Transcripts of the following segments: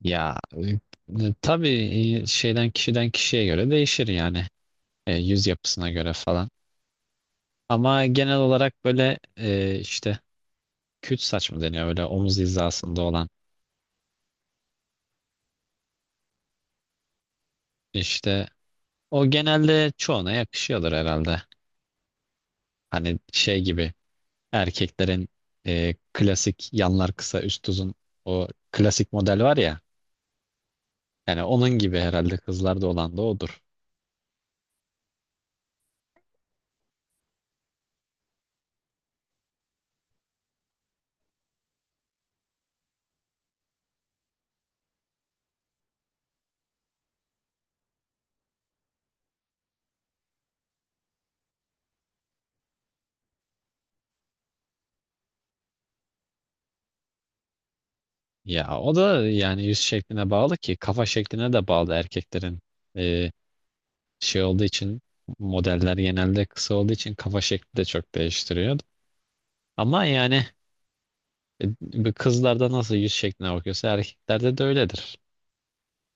Ya tabii. e, şeyden Kişiden kişiye göre değişir yani. Yüz yapısına göre falan. Ama genel olarak böyle işte küt saç mı deniyor böyle omuz hizasında olan işte? O genelde çoğuna yakışıyordur herhalde. Hani şey gibi, erkeklerin klasik yanlar kısa üst uzun, o klasik model var ya, yani onun gibi herhalde kızlarda olan da odur. Ya o da yani yüz şekline bağlı ki kafa şekline de bağlı erkeklerin. e, Şey olduğu için, modeller genelde kısa olduğu için kafa şekli de çok değiştiriyor. Ama yani bu kızlarda nasıl yüz şekline bakıyorsa erkeklerde de öyledir.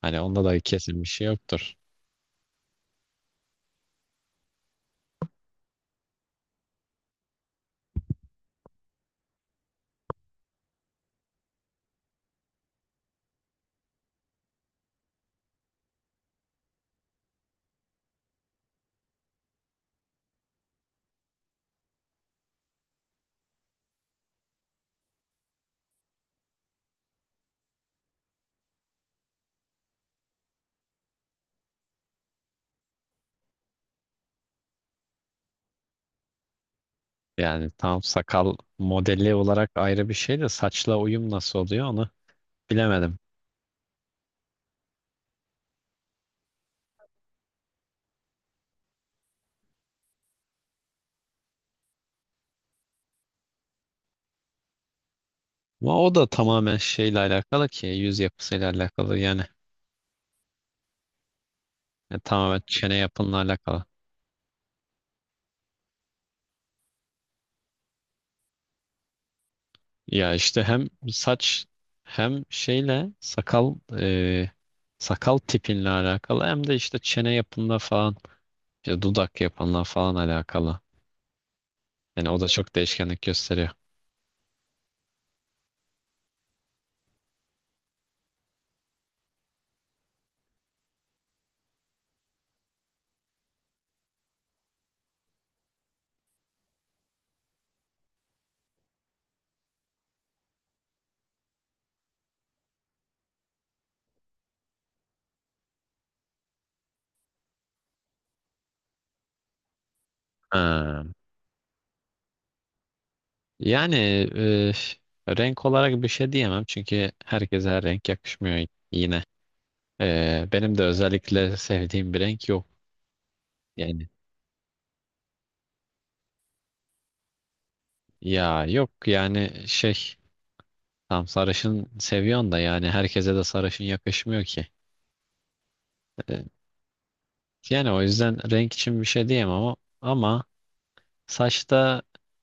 Hani onda da kesin bir şey yoktur. Yani tam sakal modeli olarak ayrı bir şey de saçla uyum nasıl oluyor onu bilemedim. Ama o da tamamen şeyle alakalı ki yüz yapısıyla alakalı yani. Yani tamamen çene yapınla alakalı. Ya işte hem saç hem şeyle sakal, e, sakal tipinle alakalı hem de işte çene yapınla falan, işte dudak yapınla falan alakalı. Yani o da çok değişkenlik gösteriyor. Ha. Yani renk olarak bir şey diyemem çünkü herkese her renk yakışmıyor yine. E, benim de özellikle sevdiğim bir renk yok. Yani, ya yok yani şey, tam sarışın seviyorsun da yani herkese de sarışın yakışmıyor ki. E, Yani o yüzden renk için bir şey diyemem ama saçta,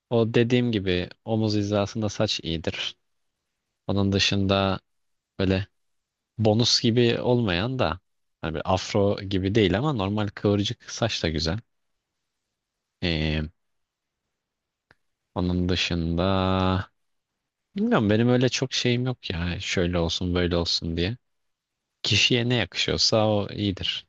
o dediğim gibi omuz hizasında saç iyidir. Onun dışında böyle bonus gibi olmayan da, hani bir afro gibi değil ama normal kıvırcık saç da güzel. Ee, Onun dışında bilmiyorum, benim öyle çok şeyim yok ya, şöyle olsun böyle olsun diye. Kişiye ne yakışıyorsa o iyidir.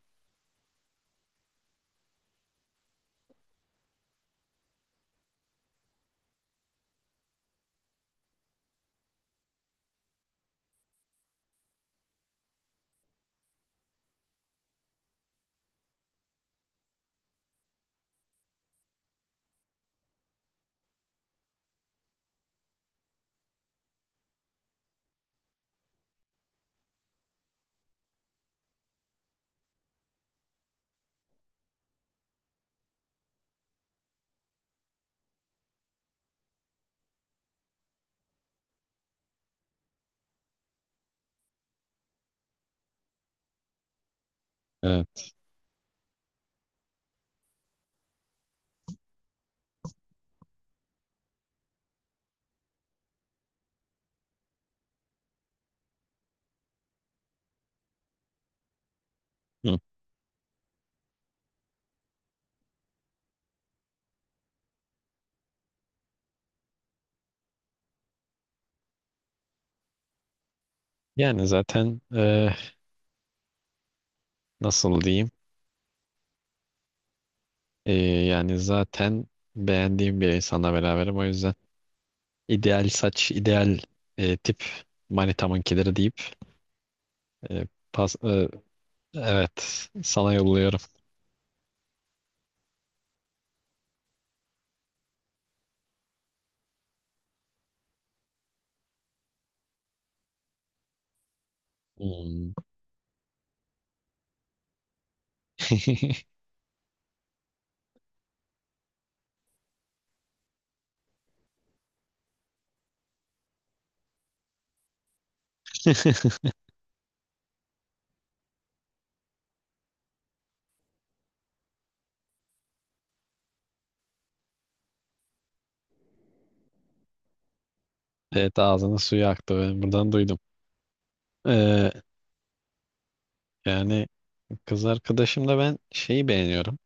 Ee, hı. Yani zaten, nasıl diyeyim? Yani zaten beğendiğim bir insanla beraberim. O yüzden ideal saç, ideal tip, manitamınkileri deyip e, pas, evet, sana yolluyorum. Hmm. Evet, ağzının suyu aktı. Ben buradan duydum. Ee, Yani kız arkadaşımda ben şeyi beğeniyorum.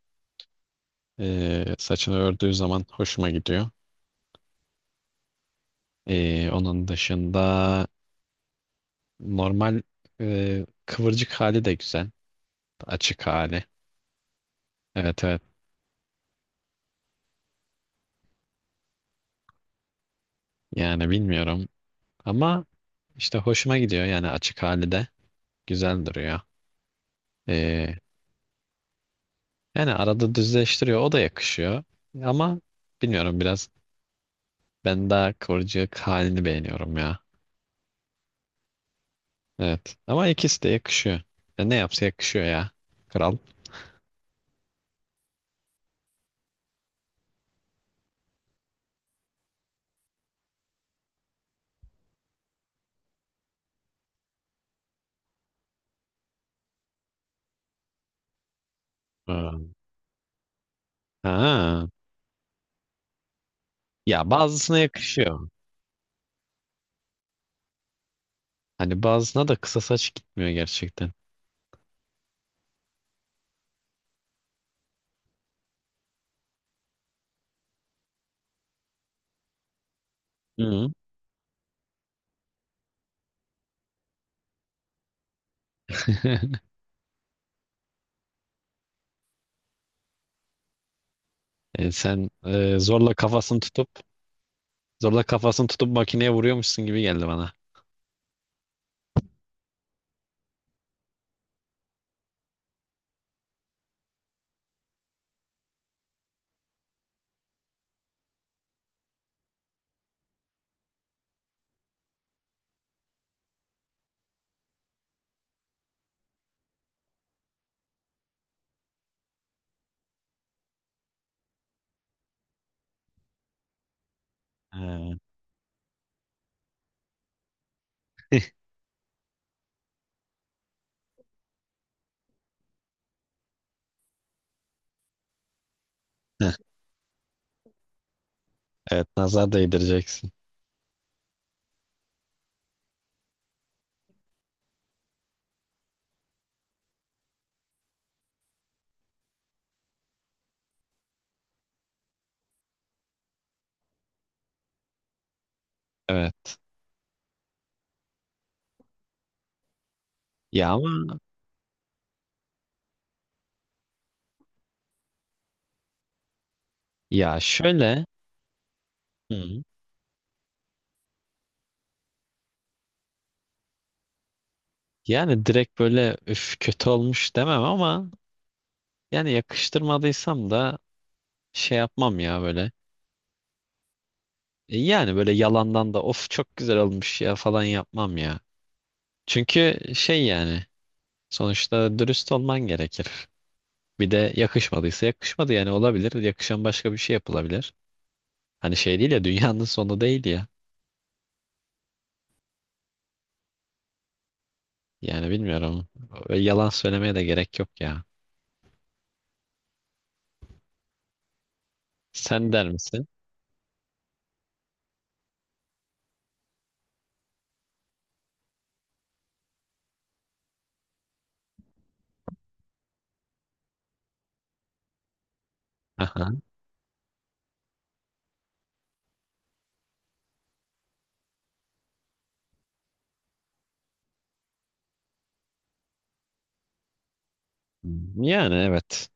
Saçını ördüğü zaman hoşuma gidiyor. Onun dışında normal kıvırcık hali de güzel. Açık hali. Evet, evet. Yani bilmiyorum. Ama işte hoşuma gidiyor, yani açık hali de güzel duruyor. Ee, Yani arada düzleştiriyor, o da yakışıyor. Ama bilmiyorum, biraz ben daha kıvırcık halini beğeniyorum ya. Evet, ama ikisi de yakışıyor. Ya ne yapsa yakışıyor ya. Kral. Ha. Ha. Ya bazısına yakışıyor. Hani bazısına da kısa saç gitmiyor gerçekten. Hı. Sen zorla kafasını tutup makineye vuruyormuşsun gibi geldi bana. Ha. Evet, nazar değdireceksin. Evet. Ya ama, ya şöyle, Hı, yani direkt böyle üf kötü olmuş demem ama, yani yakıştırmadıysam da şey yapmam ya böyle. Yani böyle yalandan da of çok güzel olmuş ya falan yapmam ya. Çünkü şey yani, sonuçta dürüst olman gerekir. Bir de yakışmadıysa yakışmadı, yani olabilir. Yakışan başka bir şey yapılabilir. Hani şey değil ya, dünyanın sonu değil ya. Yani bilmiyorum. Öyle yalan söylemeye de gerek yok ya. Sen der misin? Aha. Hmm, yani evet.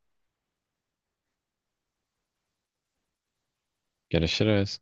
Görüşürüz.